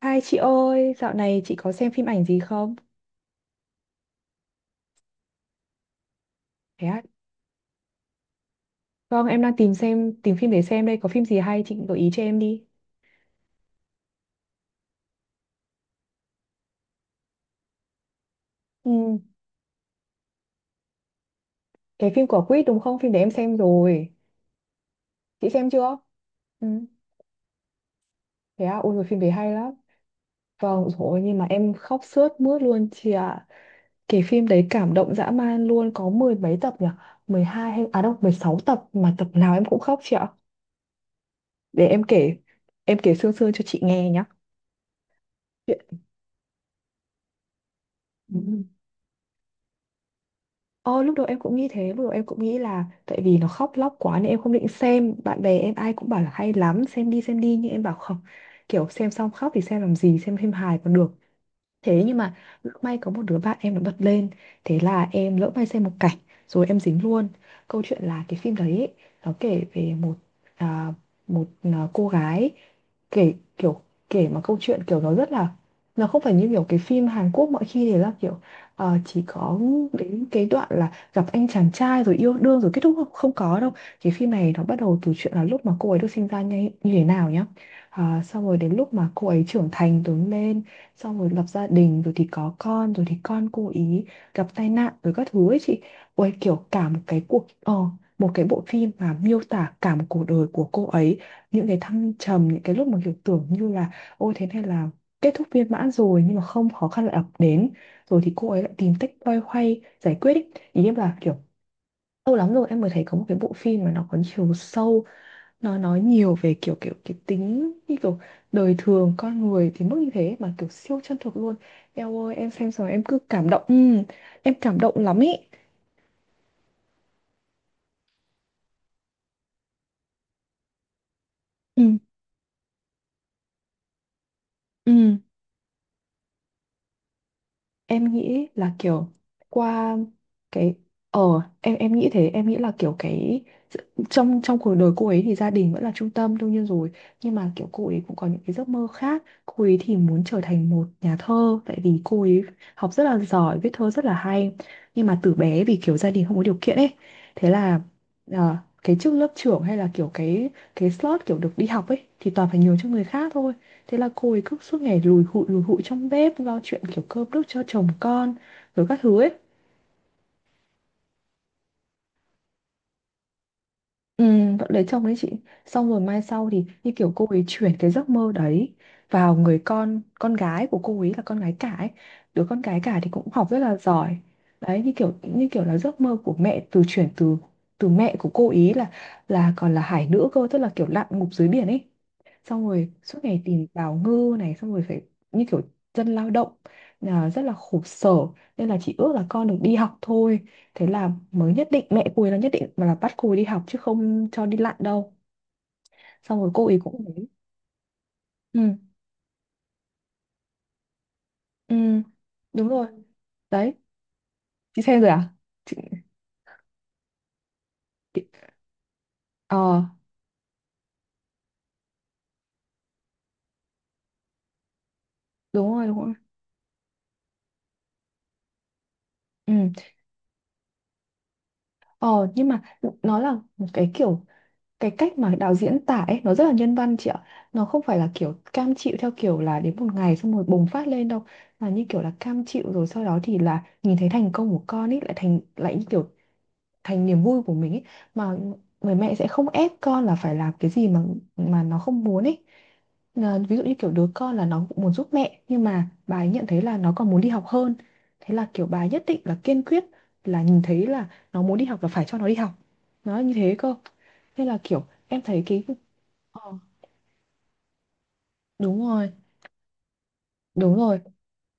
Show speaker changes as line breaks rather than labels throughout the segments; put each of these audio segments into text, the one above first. Hai chị ơi, dạo này chị có xem phim ảnh gì không? Thế à? Vâng, em đang tìm xem tìm phim để xem đây, có phim gì hay chị gợi ý cho em đi. Ừ, cái phim của Quýt đúng không? Phim để em xem rồi. Chị xem chưa? Ừ, thế à, ôi rồi phim đấy hay lắm. Vâng, rồi nhưng mà em khóc sướt mướt luôn chị ạ. Cái phim đấy cảm động dã man luôn, có mười mấy tập nhỉ? Mười hai hay đâu, 16 tập mà tập nào em cũng khóc chị ạ. Để em kể sương sương cho chị nghe nhá. Chuyện- Ừ. Ờ, lúc đầu em cũng nghĩ thế, lúc đầu em cũng nghĩ là tại vì nó khóc lóc quá nên em không định xem. Bạn bè em ai cũng bảo là hay lắm, xem đi nhưng em bảo không. Kiểu xem xong khóc thì xem làm gì, xem phim hài còn được. Thế nhưng mà lỡ may có một đứa bạn em nó bật lên. Thế là em lỡ may xem một cảnh. Rồi em dính luôn. Câu chuyện là cái phim đấy ấy, nó kể về một à, một cô gái. Kể, kiểu kể mà câu chuyện kiểu nó rất là, nó không phải như kiểu cái phim Hàn Quốc mọi khi thì là kiểu chỉ có đến cái đoạn là gặp anh chàng trai rồi yêu đương rồi kết thúc không, không có đâu. Cái phim này nó bắt đầu từ chuyện là lúc mà cô ấy được sinh ra như thế nào nhá. Xong rồi đến lúc mà cô ấy trưởng thành lớn lên xong rồi lập gia đình rồi thì có con rồi thì con cô ý gặp tai nạn rồi các thứ ấy chị, ôi kiểu cả một cái cuộc một cái bộ phim mà miêu tả cả một cuộc đời của cô ấy, những cái thăng trầm những cái lúc mà kiểu tưởng như là ôi thế này là kết thúc viên mãn rồi nhưng mà không, khó khăn lại ập đến rồi thì cô ấy lại tìm cách loay hoay giải quyết ý, ý em là kiểu lâu lắm rồi em mới thấy có một cái bộ phim mà nó có chiều sâu, nó nói nhiều về kiểu kiểu cái tính như kiểu đời thường con người thì mức như thế mà kiểu siêu chân thực luôn. Em ơi em xem xong em cứ cảm động, ừ, em cảm động lắm ý. Ừ ừ, em nghĩ là kiểu qua cái ờ em nghĩ thế, em nghĩ là kiểu cái trong trong cuộc đời cô ấy thì gia đình vẫn là trung tâm đương nhiên rồi, nhưng mà kiểu cô ấy cũng có những cái giấc mơ khác, cô ấy thì muốn trở thành một nhà thơ tại vì cô ấy học rất là giỏi, viết thơ rất là hay, nhưng mà từ bé vì kiểu gia đình không có điều kiện ấy, thế là ờ, cái chức lớp trưởng hay là kiểu cái slot kiểu được đi học ấy thì toàn phải nhường cho người khác thôi. Thế là cô ấy cứ suốt ngày lùi hụi trong bếp lo chuyện kiểu cơm nước cho chồng con rồi các thứ ấy. Ừ, vẫn lấy chồng đấy chị, xong rồi mai sau thì như kiểu cô ấy chuyển cái giấc mơ đấy vào người con gái của cô ấy là con gái cả ấy, đứa con gái cả thì cũng học rất là giỏi đấy, như kiểu là giấc mơ của mẹ từ chuyển từ từ mẹ của cô ý là còn là hải nữ cơ tức là kiểu lặn ngụp dưới biển ấy, xong rồi suốt ngày tìm bào ngư này xong rồi phải như kiểu dân lao động là rất là khổ sở, nên là chị ước là con được đi học thôi. Thế là mới nhất định, mẹ cô ấy là nhất định và là bắt cô ấy đi học chứ không cho đi lặn đâu. Xong rồi cô ấy cũng đấy. Ừ, ừ, đúng rồi. Đấy, chị xem rồi à? Chị, chị... Ờ, đúng rồi, đúng rồi. Ừ. Ờ, nhưng mà nó là một cái kiểu, cái cách mà đạo diễn tả ấy nó rất là nhân văn chị ạ. Nó không phải là kiểu cam chịu theo kiểu là đến một ngày xong rồi bùng phát lên đâu, mà như kiểu là cam chịu rồi sau đó thì là nhìn thấy thành công của con ấy lại thành lại như kiểu thành niềm vui của mình ấy, mà người mẹ sẽ không ép con là phải làm cái gì mà nó không muốn ấy. Ờ, ví dụ như kiểu đứa con là nó cũng muốn giúp mẹ nhưng mà bà ấy nhận thấy là nó còn muốn đi học hơn, thế là kiểu bà ấy nhất định là kiên quyết, là nhìn thấy là nó muốn đi học là phải cho nó đi học, nó như thế cơ, nên là kiểu em thấy cái, ờ, đúng rồi đúng rồi,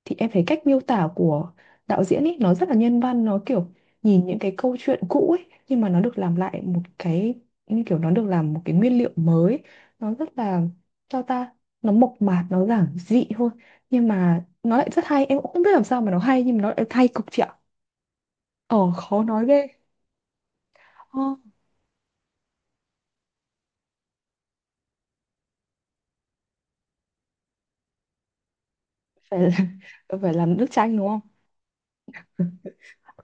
thì em thấy cách miêu tả của đạo diễn ấy nó rất là nhân văn, nó kiểu nhìn những cái câu chuyện cũ ấy nhưng mà nó được làm lại một cái, như kiểu nó được làm một cái nguyên liệu mới, nó rất là cho ta, nó mộc mạc nó giản dị thôi nhưng mà nó lại rất hay, em cũng không biết làm sao mà nó hay nhưng mà nó lại hay cực chị ạ. Ờ khó nói ghê. Ờ, phải, phải làm nước chanh đúng không,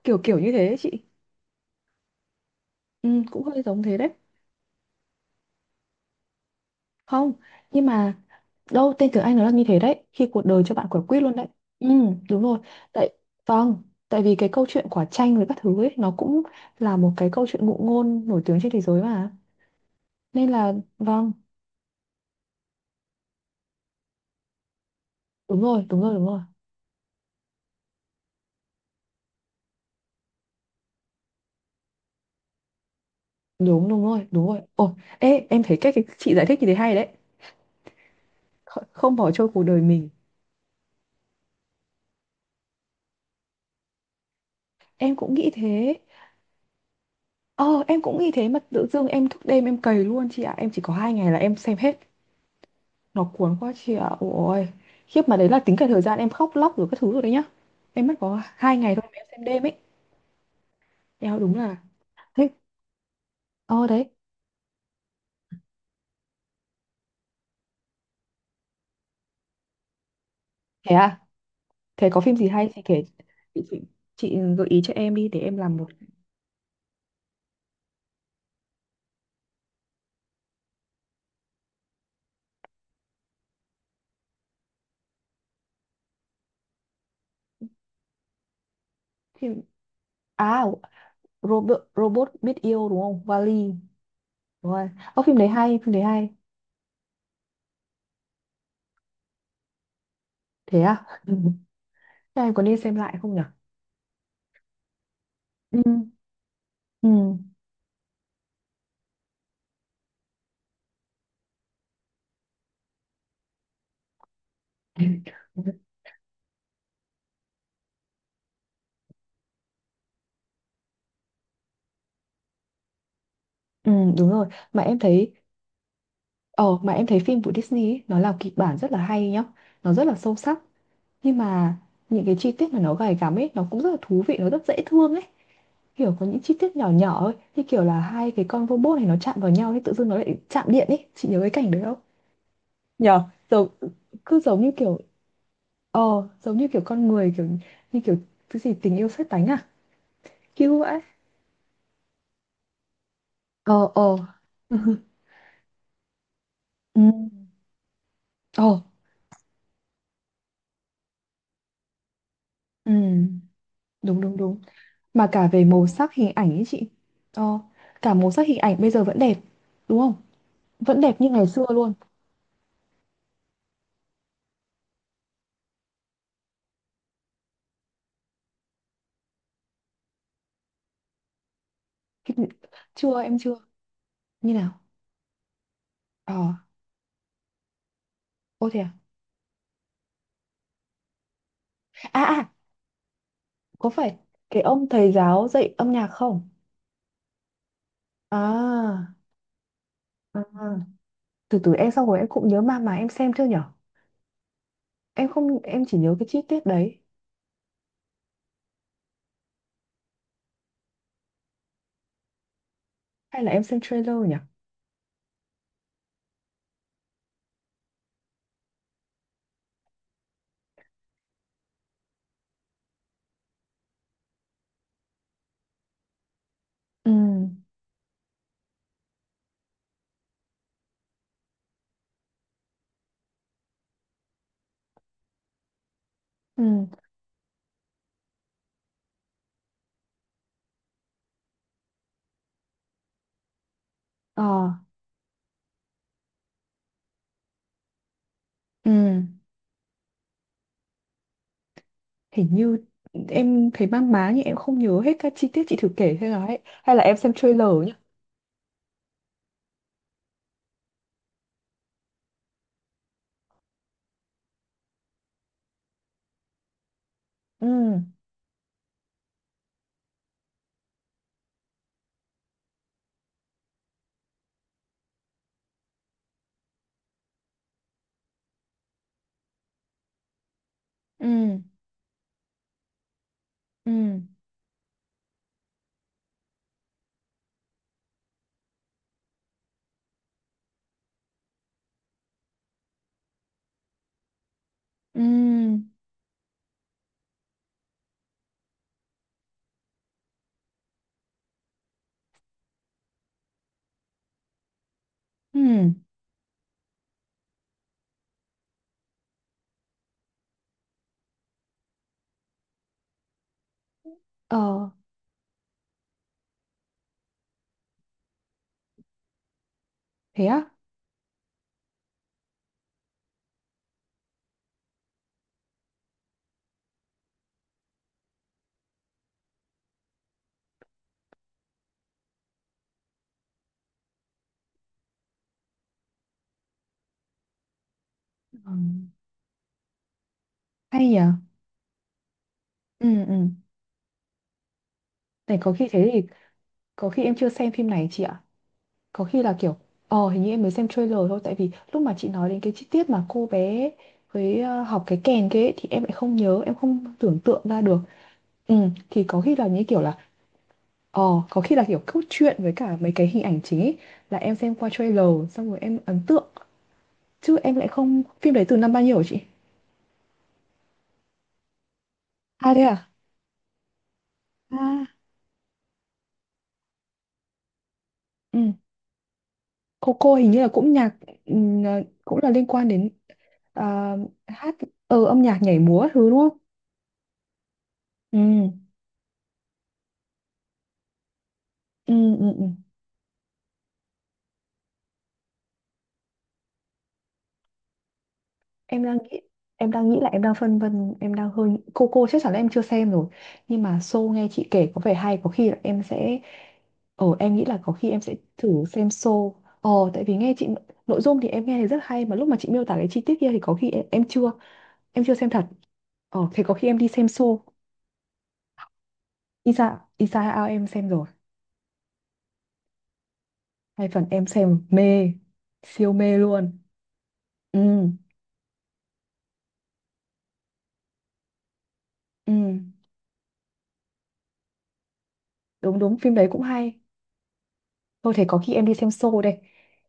kiểu kiểu như thế ấy chị. Ừ, cũng hơi giống thế đấy. Không, nhưng mà đâu, tên tiếng Anh nó là như thế đấy, khi cuộc đời cho bạn quả quýt luôn đấy. Ừ, đúng rồi. Tại, vâng, tại vì cái câu chuyện quả chanh với các thứ ấy nó cũng là một cái câu chuyện ngụ ngôn nổi tiếng trên thế giới mà, nên là vâng, đúng rồi đúng rồi đúng rồi, đúng đúng rồi đúng rồi, ồ ê em thấy cái chị giải thích như thế hay đấy. Không bỏ trôi cuộc đời mình. Em cũng nghĩ thế. Ờ em cũng nghĩ thế mà tự dưng em thức đêm em cày luôn chị ạ, em chỉ có hai ngày là em xem hết. Nó cuốn quá chị ạ, ôi khiếp, mà đấy là tính cả thời gian em khóc lóc rồi các thứ rồi đấy nhá, em mất có hai ngày thôi mà em xem đêm ấy, eo đúng là. Thế ờ đấy, thế à, thế có phim gì hay thì kể, chị, chị gợi ý cho em đi để em làm một phim. À, robot robot biết yêu đúng không, vali e, đúng rồi. Ơ, phim đấy hay, phim đấy hay. Thế à? Ừ. Thế em có nên xem lại không nhỉ? Ừ ừ. Ừ, đúng rồi. Mà em thấy, ờ mà em thấy phim của Disney ấy, nó làm kịch bản rất là hay nhá, nó rất là sâu sắc. Nhưng mà những cái chi tiết mà nó gay gắm ấy, nó cũng rất là thú vị, nó rất dễ thương ấy. Kiểu có những chi tiết nhỏ nhỏ ấy, như kiểu là hai cái con robot này nó chạm vào nhau thì tự dưng nó lại chạm điện ấy. Chị nhớ cái cảnh đấy không? Nhờ, giống, cứ giống như kiểu, ờ, giống như kiểu con người, kiểu như kiểu cái gì tình yêu sét đánh à? Cute vậy. Ờ, ờ. Ừ. Ờ, ừ. Đúng, đúng, đúng. Mà cả về màu sắc hình ảnh ấy chị. Ờ, cả màu sắc hình ảnh bây giờ vẫn đẹp, đúng không? Vẫn đẹp như ngày xưa luôn. Cái- Chưa em chưa, như nào? Ờ ô thế à, à à, có phải cái ông thầy giáo dạy âm nhạc không? À, à, à. Từ từ em, xong rồi em cũng nhớ mà em xem chưa nhở, em không, em chỉ nhớ cái chi tiết đấy, hay là em xem trailer nhở. Ừ ừ ờ ừ. Hình như em thấy mang má nhưng em không nhớ hết các chi tiết, chị thử kể thế nào ấy, hay là em xem trailer nhỉ? Ừ ừ ừ ừ ừ. Ờ thế á. Ừ. Hay nhỉ. Ừ, ừ. Này có khi thế thì có khi em chưa xem phim này chị ạ. Có khi là kiểu ờ hình như em mới xem trailer thôi, tại vì lúc mà chị nói đến cái chi tiết mà cô bé với ờ, học cái kèn kia ấy, thì em lại không nhớ, em không tưởng tượng ra được. Ừ, thì có khi là như kiểu là ờ, có khi là kiểu cốt truyện với cả mấy cái hình ảnh chính ấy là em xem qua trailer, xong rồi em ấn tượng, chứ em lại không, phim đấy từ năm bao nhiêu hả chị? À thế à? À ừ. Cô hình như là cũng nhạc, ừ, ờ, cũng là liên quan đến ờ, hát, ừ, âm nhạc nhảy múa thứ đúng không? Ừ. Ừ, ừ, ừ. Em đang nghĩ, em đang nghĩ là em đang phân vân, em đang hơi, cô chắc chắn là em chưa xem rồi, nhưng mà show nghe chị kể có vẻ hay có khi là em sẽ ờ em nghĩ là có khi em sẽ thử xem show. Ờ tại vì nghe chị, nội dung thì em nghe thì rất hay mà lúc mà chị miêu tả cái chi tiết kia thì có khi em chưa, em chưa xem thật. Ờ thế có khi em đi xem show. Isa Isa Ao em xem rồi. Hai phần em xem mê, siêu mê luôn. Ừ ừ. Đúng đúng, phim đấy cũng hay. Thôi thế có khi em đi xem show đây,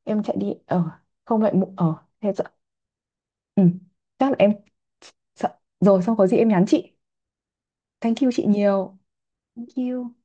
em chạy đi ờ, không lại ờ, thế sợ, ừ, chắc là em, sợ rồi, xong có gì em nhắn chị. Thank you chị nhiều. Thank you.